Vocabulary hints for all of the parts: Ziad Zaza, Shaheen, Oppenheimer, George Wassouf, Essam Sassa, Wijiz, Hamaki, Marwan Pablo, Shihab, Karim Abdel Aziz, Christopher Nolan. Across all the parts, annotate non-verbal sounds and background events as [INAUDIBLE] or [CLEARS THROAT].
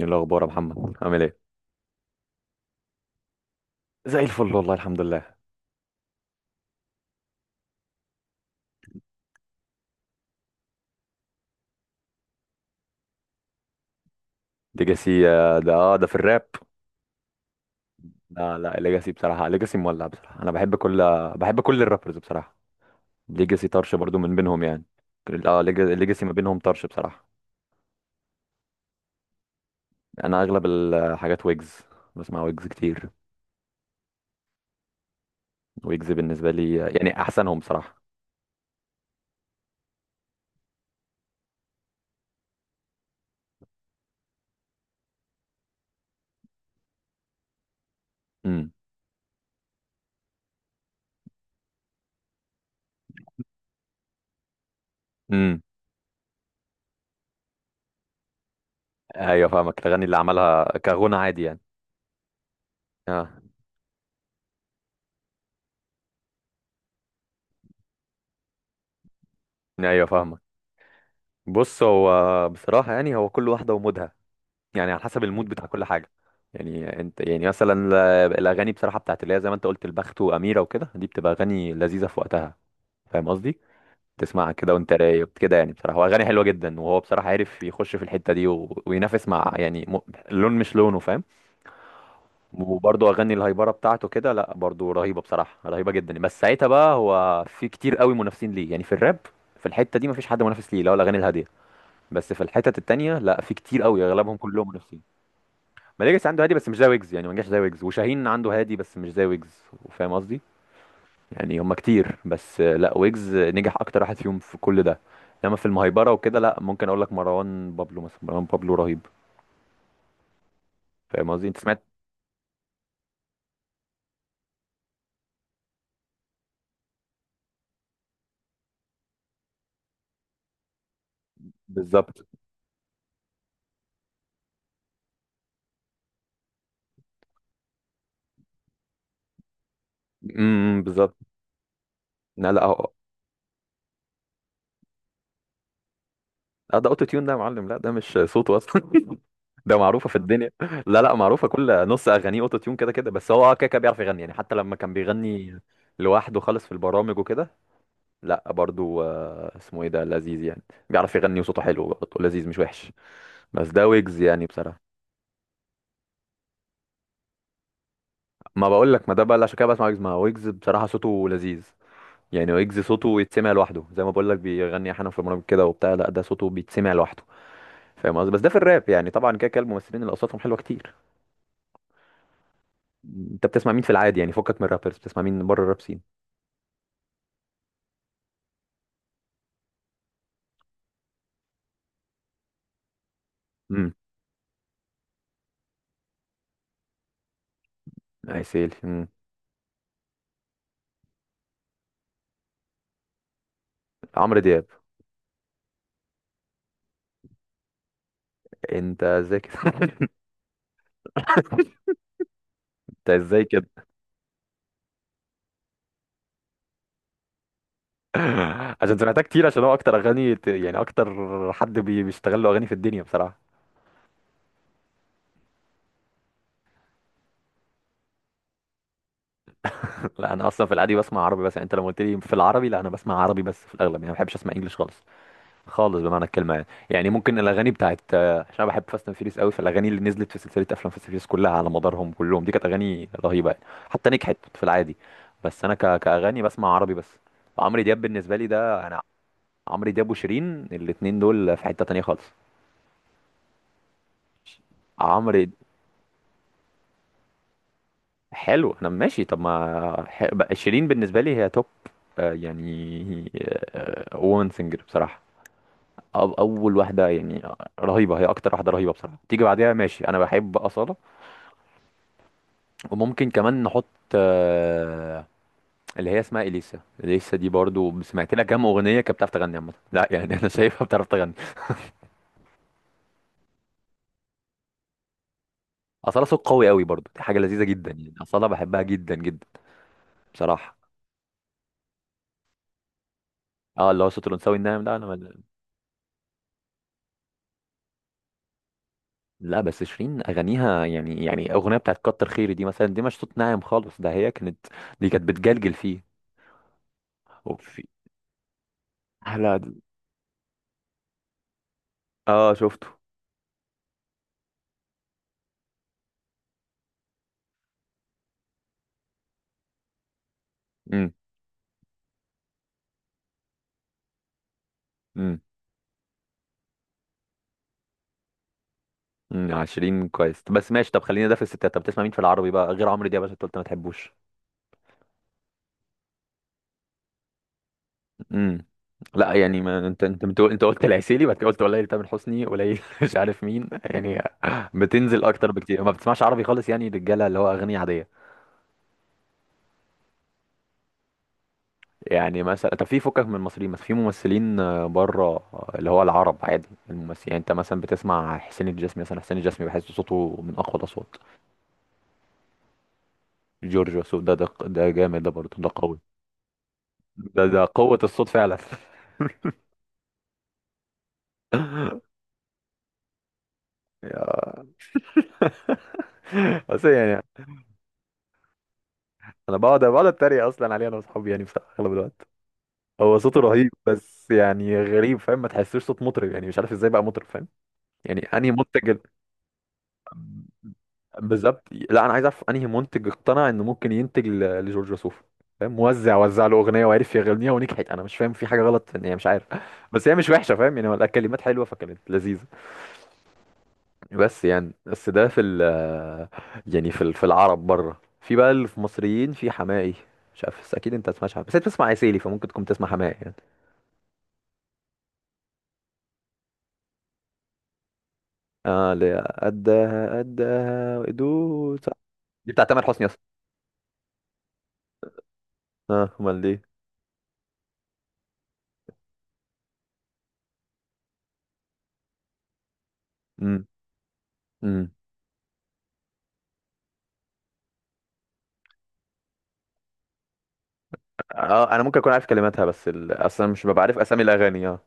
ايه الاخبار يا محمد عامل ايه؟ زي الفل والله، الحمد لله. ليجاسي ده ده في الراب. لا لا ليجاسي بصراحه، ليجاسي مولع بصراحه، انا بحب كل الرابرز بصراحه. ليجاسي طرش برضو من بينهم يعني. ليجاسي ما بينهم طرش بصراحه. يعني انا اغلب الحاجات ويجز، بسمع ويجز كتير. ويجز بالنسبه لي يعني احسنهم بصراحه. امم امم، ايوه فاهمك، الاغاني اللي عملها كغنى عادي يعني. اه ايوه فاهمك. بص هو بصراحه يعني هو كل واحده ومودها، يعني على حسب المود بتاع كل حاجه. يعني انت يعني الاغاني بصراحه بتاعت اللي هي زي ما انت قلت البخت واميره وكده، دي بتبقى اغاني لذيذه في وقتها، فاهم قصدي؟ تسمعها كده وانت رايق كده يعني بصراحه، واغاني حلوه جدا، وهو بصراحه عارف يخش في الحته دي وينافس مع لون مش لونه، فاهم؟ وبرضه اغاني الهيبره بتاعته كده لا برضه رهيبه بصراحه، رهيبه جدا، بس ساعتها بقى هو في كتير قوي منافسين ليه يعني في الراب. في الحته دي مفيش حد منافس ليه، اللي هو الاغاني الهاديه، بس في الحتت التانيه لا، في كتير قوي اغلبهم كلهم منافسين. ماليجيس عنده هادي بس مش زي ويجز، يعني ما نجحش زي ويجز، وشاهين عنده هادي بس مش زي ويجز، فاهم قصدي؟ يعني هما كتير بس لا ويجز نجح اكتر واحد فيهم في كل ده. انما في المهيبره وكده لا، ممكن اقول لك مروان بابلو مثلا، مروان بابلو رهيب، فاهم قصدي؟ انت سمعت؟ بالظبط. إمم، بالظبط. لا لا هو ده اوتو تيون ده يا معلم، لا ده مش صوته اصلا. [LAUGHS] ده معروفه في الدنيا. لا لا، معروفه كل نص اغانيه اوتو تيون كده كده، بس هو كده كده بيعرف يغني يعني، حتى لما كان بيغني لوحده خالص في البرامج وكده. لا برضو اسمه ايه ده، لذيذ يعني، بيعرف يغني وصوته حلو برضه، لذيذ مش وحش. بس ده ويجز يعني بصراحه. ما بقول لك، ما ده بقى اللي عشان كده بسمع ويجز، ما هو ويجز بصراحه صوته لذيذ. يعني ويجز صوته يتسمع لوحده، زي ما بقول لك بيغني احيانا في برامج كده وبتاع، لا ده صوته بيتسمع لوحده، فاهم قصدي؟ بس ده في الراب يعني، طبعا كده كده الممثلين اللي اصواتهم حلوه كتير. انت بتسمع مين في العادي يعني، فكك من الرابرز، بتسمع مين بره الراب سين؟ امم. عسيل، امم. عمرو دياب. انت ازاي كده؟ [LAUGHS] انت ازاي كده؟ [LAUGHS] عشان سمعتها كتير، عشان هو اكتر اغاني ت- يعني اكتر حد بيشتغل له اغاني في الدنيا بصراحه. [LAUGHS] لا انا اصلا في العادي بسمع عربي بس، يعني انت لما قلت لي في العربي، لا انا بسمع عربي بس في الاغلب يعني، ما بحبش اسمع انجلش خالص، خالص بمعنى الكلمه يعني. يعني ممكن الاغاني بتاعت عشان أنا بحب فاست اند فيريس قوي، فالاغاني اللي نزلت في سلسله افلام فاست اند فيريس كلها على مدارهم كلهم، دي كانت اغاني رهيبه يعني، حتى نجحت في العادي. بس انا كاغاني بسمع عربي بس. عمرو دياب بالنسبه لي ده انا، عمرو دياب وشيرين الاتنين دول في حته تانيه خالص. عمرو حلو، انا ماشي. طب ما ح- بقى شيرين بالنسبه لي هي توب، يعني وومن سينجر بصراحه، اول واحده يعني، رهيبه، هي اكتر واحده رهيبه بصراحه. تيجي بعديها ماشي انا بحب اصاله، وممكن كمان نحط آه، اللي هي اسمها اليسا، اليسا دي برضو سمعت لها كام اغنيه كانت بتعرف تغني عامه لا يعني، [LAUGHS] انا شايفها بتعرف تغني. اصاله صوت قوي قوي برضو، دي حاجه لذيذه جدا يعني، اصاله بحبها جدا جدا بصراحه. اه اللي هو صوت الانثوي الناعم ده انا. لا بس شيرين اغانيها يعني، يعني اغنيه بتاعت كتر خيري دي مثلا، دي مش صوت ناعم خالص ده، هي كانت، دي كانت بتجلجل فيه. وفي احلى د- اه شفته. امم، امم، امم، شيرين كويس بس ماشي، طب خلينا ده في الستات، طب بتسمع مين في العربي بقى غير عمرو دياب عشان انت قلت ما تحبوش؟ امم. لا يعني ما انت، انت بتقول انت قلت العسيلي، بعد كده قلت قليل تامر حسني قليل، [LAUGHS] مش عارف مين يعني بتنزل اكتر، بكتير ما بتسمعش عربي خالص يعني، رجاله اللي هو اغاني عاديه. يعني مثلا طب في فكك من المصريين، مثلا في ممثلين بره اللي هو العرب، عادي الممثل يعني، انت مثلا بتسمع حسين الجسمي، مثلا حسين الجسمي بحس صوته من اقوى الاصوات. جورج وسوف ده ده ده جامد، ده برضه ده قوي، ده ده قوة الصوت فعلا. [LAUGHS] يا- بس يعني انا بقعد بقعد اتريق اصلا عليه انا واصحابي يعني بصراحة اغلب الوقت. هو صوته رهيب بس يعني غريب، فاهم؟ ما تحسوش صوت مطرب يعني، مش عارف ازاي بقى مطرب، فاهم؟ يعني انهي منتج. بالظبط. لا انا عايز اعرف انهي منتج اقتنع انه ممكن لجورج وسوف، فاهم؟ موزع وزع له اغنيه وعرف يغنيها ونجحت، انا مش فاهم في حاجه غلط في ان هي مش عارف، [LAUGHS] بس هي مش وحشه، فاهم يعني؟ الكلمات حلوه فكانت لذيذه. بس يعني، بس ده في ال، يعني في العرب بره، في بقى اللي في مصريين في حماقي. مش عارف، بس اكيد انت ما تسمعش حماقي، بس انت بتسمع عسيلي فممكن تكون تسمع حماقي يعني. اه اللي هي قدها قدها وقدوها، دي بتاعت تامر حسني اصلا. اه امال دي؟ امم. اه انا ممكن اكون عارف كلماتها بس اصلا مش ببقى عارف اسامي الاغاني. اه،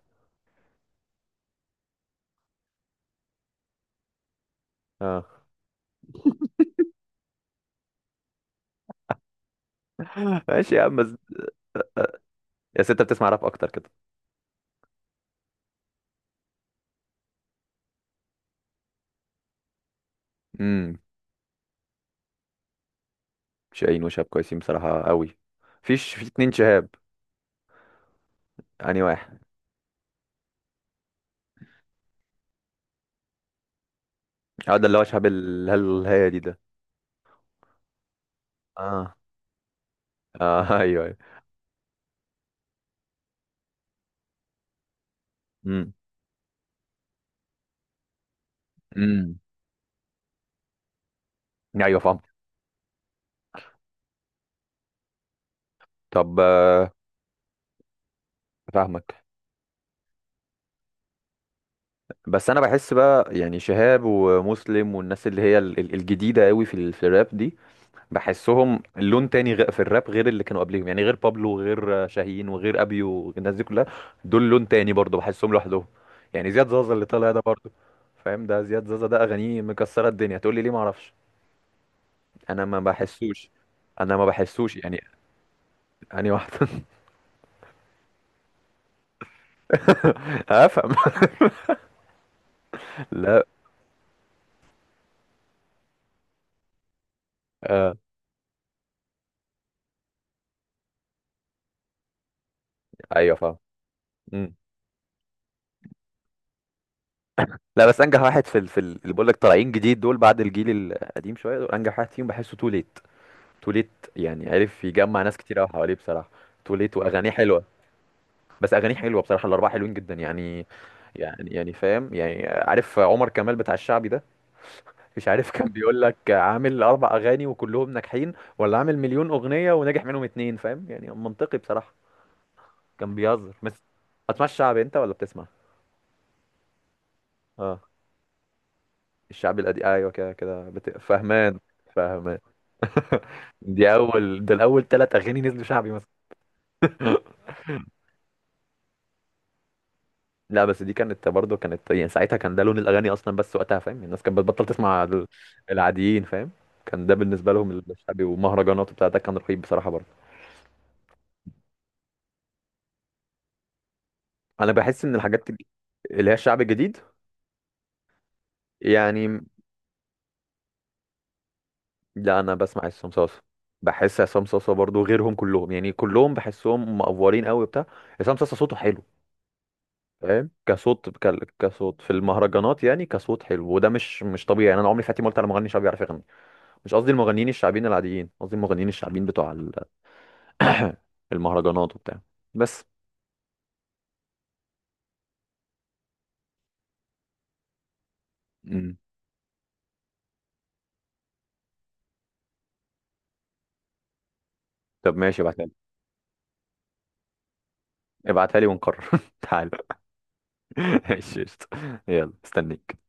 اه [LAUGHS] ماشي يا عم بس. يا ست بتسمع راب اكتر كده؟ امم. شاهين وشهاب كويسين بصراحه قوي. فيش في اتنين شهاب يعني واحد؟ اه ده اللي هو شهاب الهي دي ده. اه، اه [LAUGHS] ايوه ايوه. امم، امم، ايوه فاهم. طب فاهمك. بس انا بحس بقى يعني شهاب ومسلم والناس اللي هي الجديده قوي في في الراب دي، بحسهم لون تاني في الراب غير اللي كانوا قبليهم، يعني غير بابلو وغير شاهين وغير ابيو والناس دي كلها، دول لون تاني برضه بحسهم لوحدهم. يعني زياد زازا اللي طالع ده برضه، فاهم؟ ده زياد زازا ده اغانيه مكسره الدنيا، تقول لي ليه ما اعرفش، انا ما بحسوش، انا ما بحسوش يعني. اني واحد. [LAUGHS] افهم. [LAUGHS] لا، آه. ايوه فاهم. مم. لا بس انجح واحد اللي بقول لك طالعين جديد دول بعد الجيل القديم شويه، دول انجح واحد فيهم بحسه تو ليت. تو ليت يعني عرف يجمع ناس كتير قوي حواليه بصراحه. تو ليت واغانيه حلوه. بس اغانيه حلوه بصراحه، الاربعه حلوين جدا يعني. يعني يعني فاهم يعني، عارف عمر كمال بتاع الشعبي ده؟ مش عارف، كان بيقول لك عامل اربع اغاني وكلهم ناجحين، ولا عامل مليون اغنيه وناجح منهم اتنين، فاهم يعني؟ منطقي بصراحه. كان بيهزر بس. هتسمع الشعبي انت ولا بتسمع؟ اه الشعبي القديم ايوه كده كده فهمان. فهمان. [LAUGHS] دي اول، ده الاول ثلاث اغاني نزلوا شعبي مثلا. لا بس دي كانت برضه، كانت يعني ساعتها كان ده لون الاغاني اصلا بس وقتها، فاهم؟ الناس كانت بتبطل تسمع العاديين، فاهم؟ كان ده بالنسبه لهم الشعبي ومهرجانات وبتاع ده كان رهيب بصراحه برضه. انا بحس ان الحاجات اللي هي الشعب الجديد يعني. لا انا بسمع عصام صاصا، بحس عصام صاصا برضه غيرهم كلهم، يعني كلهم بحسهم مقفورين قوي بتاع. عصام صاصا صوته حلو، فاهم؟ كصوت كصوت في المهرجانات، يعني كصوت حلو، وده مش مش طبيعي يعني، انا عمري في حياتي ما قلت على مغني شعبي بيعرف يغني. مش قصدي المغنيين الشعبيين العاديين، قصدي المغنيين الشعبيين بتوع [COUGHS] [CLEARS THROAT] المهرجانات وبتاع، بس. مم. طب ماشي ابعتها لي، ابعتها لي ونقرر. [LAUGHS] تعال. [LAUGHS] ماشي قشطة. يلا استنيك.